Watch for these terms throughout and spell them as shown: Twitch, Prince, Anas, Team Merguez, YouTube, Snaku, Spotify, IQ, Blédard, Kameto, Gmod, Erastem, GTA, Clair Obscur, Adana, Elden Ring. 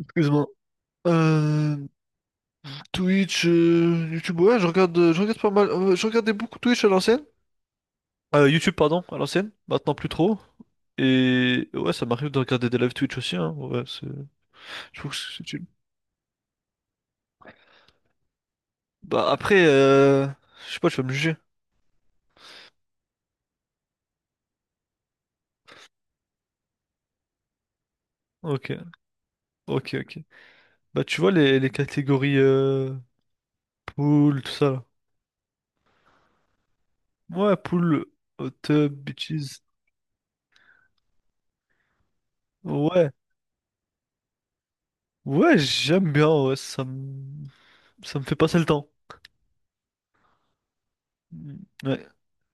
Excuse-moi. Euh, Twitch, YouTube, ouais, je regarde pas mal. Je regardais beaucoup Twitch à l'ancienne. YouTube, pardon, à l'ancienne. Maintenant plus trop. Et ouais, ça m'arrive de regarder des lives Twitch aussi, hein. Ouais, c'est. Je trouve que c'est utile. Bah après, je sais pas, tu vas me juger. Ok, ok, ok. Bah tu vois les catégories pool, tout ça là. Ouais, pool, hot tub, bitches. Ouais, ouais, j'aime bien. Ouais, ça me fait passer le temps. Mm, Ouais.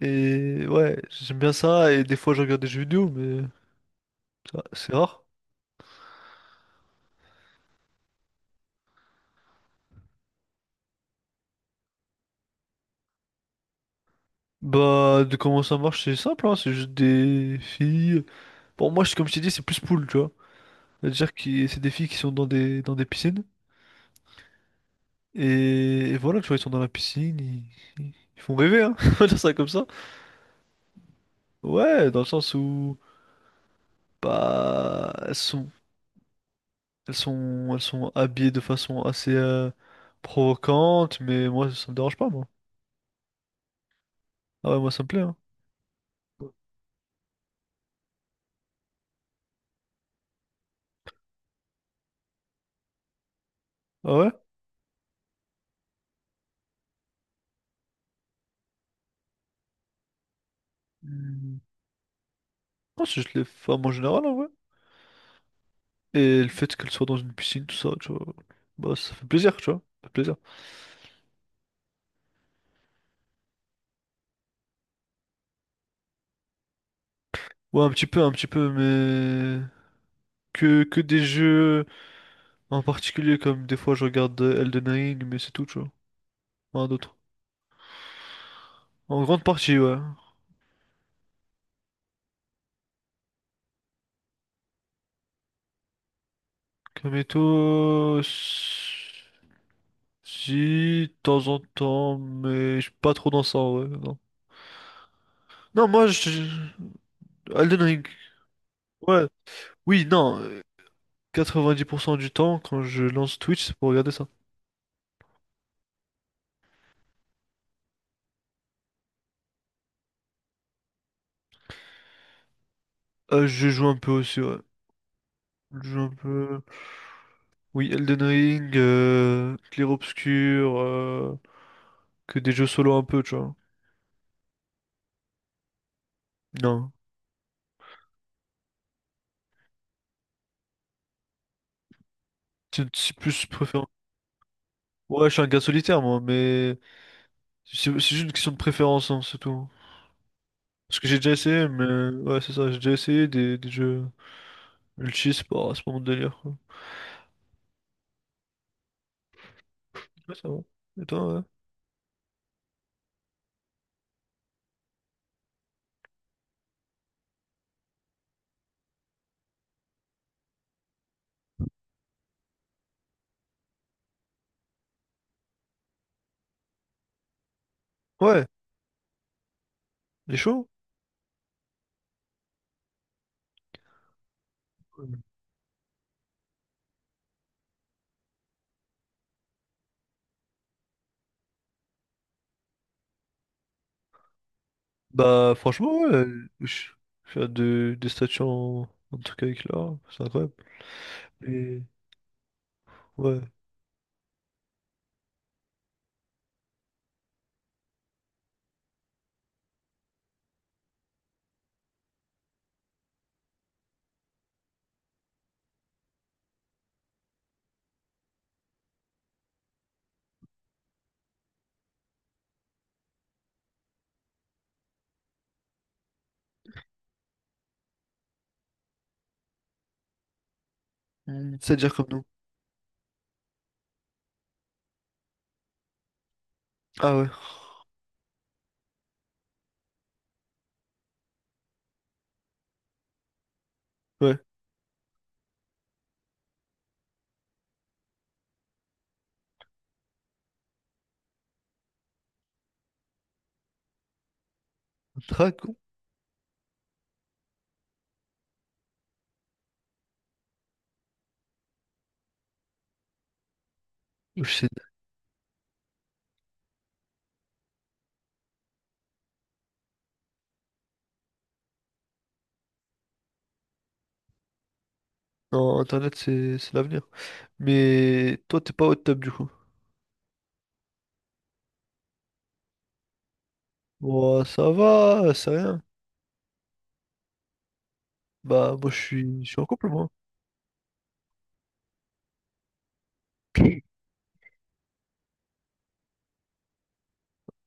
Et ouais, j'aime bien ça, et des fois je regarde des jeux vidéo, mais ça, c'est rare. Bah, de comment ça marche, c'est simple, hein, c'est juste des filles. Bon, moi, je- comme je t'ai dit, c'est plus pool, tu vois. C'est-à-dire que c'est des filles qui sont dans des piscines, et voilà, tu vois, ils sont dans la piscine, ils, ils font rêver, hein, on va dire ça comme ça. Ouais, dans le sens où, bah, elles sont habillées de façon assez provocante, mais moi, ça me dérange pas, moi. Ah ouais, moi, ça me plaît, hein. Ah ouais? Pense que je les femmes en général, en vrai. Et le fait qu'elles soient dans une piscine, tout ça, tu vois. Bah, ça fait plaisir, tu vois. Ça fait plaisir. Ouais, un petit peu, mais... Que des jeux en particulier, comme des fois je regarde Elden Ring, mais c'est tout, tu vois. Rien d'autre. En grande partie, ouais. Kameto... Si, de temps en temps, mais je suis pas trop dans ça, ouais. Non, non moi, je... Elden Ring. Ouais. Oui, non. 90% du temps, quand je lance Twitch, c'est pour regarder ça. Je joue un peu aussi, ouais. Je joue un peu. Oui, Elden Ring, Clair Obscur, que des jeux solo un peu, tu vois. Non. C'est plus préférence. Ouais, je suis un gars solitaire, moi, mais c'est juste une question de préférence, hein, c'est tout. Parce que j'ai déjà essayé, mais ouais, c'est ça, j'ai déjà essayé des jeux multi, c'est pas mon délire, quoi. Ouais, ça va. Et toi, ouais. Ouais, il est chaud? Ouais. Bah, franchement, ouais. Je je fais des statues en, en tout cas avec là c'est incroyable. Et ouais. Hmm. C'est-à-dire comme nous. Ah ouais, ouais. Dragon? Je sais. Non, Internet, c'est l'avenir. Mais toi, t'es pas au top du coup. Bon, ça va, c'est rien. Bah, moi, je suis en couple, moi.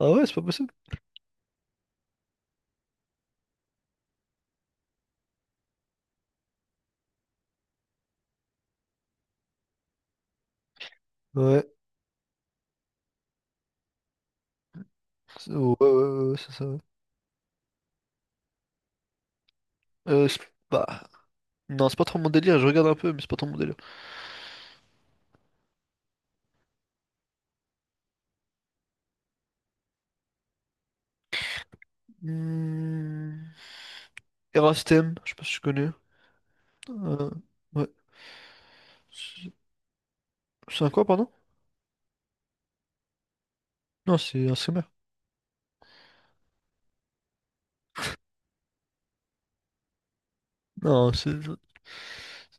Ah ouais, c'est pas possible. Ouais, ouais, c'est ça. Ouais. Euh, c'est- Bah, non, c'est pas trop mon délire. Je regarde un peu, mais c'est pas trop mon délire. Hmm. Erastem, je sais pas si tu connais. Euh, ouais. C'est c'est un quoi, pardon? Non, c'est un streamer. Non, c'est.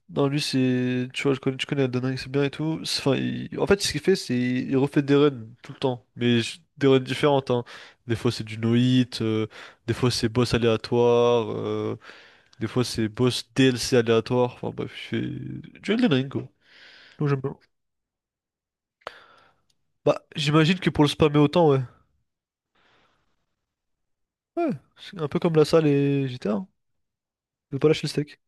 Non, lui, c'est. Tu vois, je connais Adana, c'est bien et tout. C'est- Enfin, il- En fait, ce qu'il fait, c'est. Il refait des runs tout le temps. Mais je- des runs différentes, hein. Des fois, c'est du no-hit. Des fois, c'est boss aléatoire. Des fois, c'est boss DLC aléatoire. Enfin, bref, je fais. Du Elden Ring, quoi. Donc, j'aime bien. Bah, j'imagine que pour le spammer autant, ouais. Ouais, c'est un peu comme la salle et GTA. Hein. Je vais pas lâcher le steak.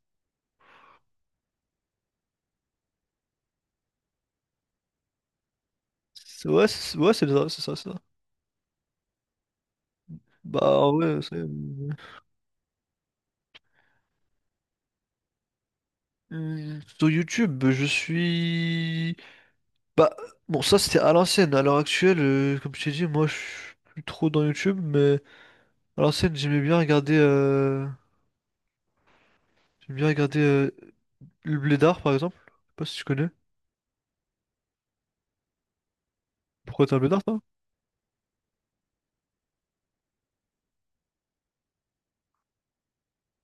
Ouais, c'est ça. Bah, ouais, c'est. Sur YouTube, je suis. Bah, bon, ça c'était à l'ancienne. À l'heure actuelle, comme je t'ai dit, moi je suis plus trop dans YouTube, mais à l'ancienne, j'aimais bien regarder le Blédard par exemple. Je sais pas si tu connais. Pourquoi t'as un Blédard, toi?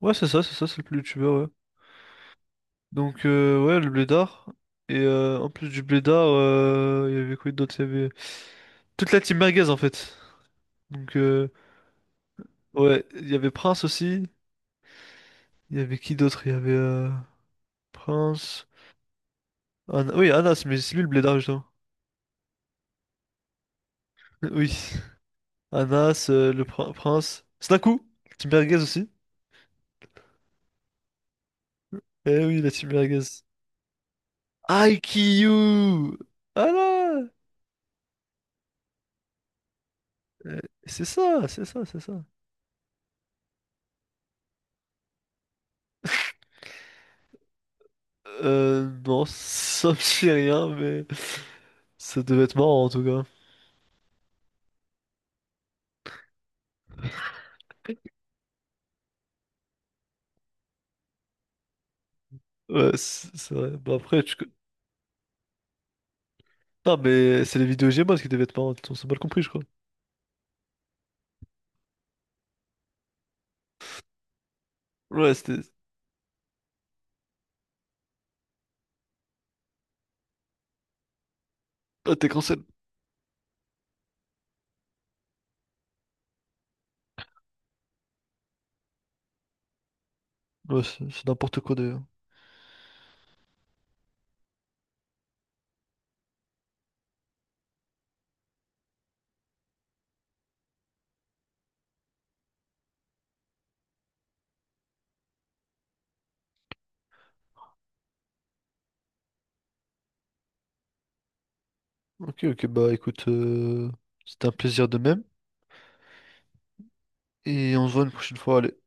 Ouais, c'est ça, c'est ça, c'est le plus youtubeur, ouais. Donc, ouais, le Blédard. Et en plus du Blédard, il y avait quoi d'autre? Il y avait toute la team merguez en fait. Donc, ouais, il y avait Prince aussi. Il y avait qui d'autre? Il y avait Prince. Anna- Oui, Anas, mais c'est lui le Blédard, justement. Oui. Anas, le prince. Snaku, Team Merguez aussi. Eh oui, la Team Merguez. IQ! Ah là! Euh, C'est ça, c'est ça. Non, ça me dit rien, mais ça devait être marrant en tout cas. Ouais, c'est vrai. Bah après, non, mais c'est les vidéos Gmod qui devaient être marrantes, on s'est mal compris, je crois. Ouais, c'était... Ah, t'es cancel. Ouais, c'est n'importe quoi d'ailleurs. Ok, ok, bah écoute, c'était un plaisir de même, et on se voit une prochaine fois, allez.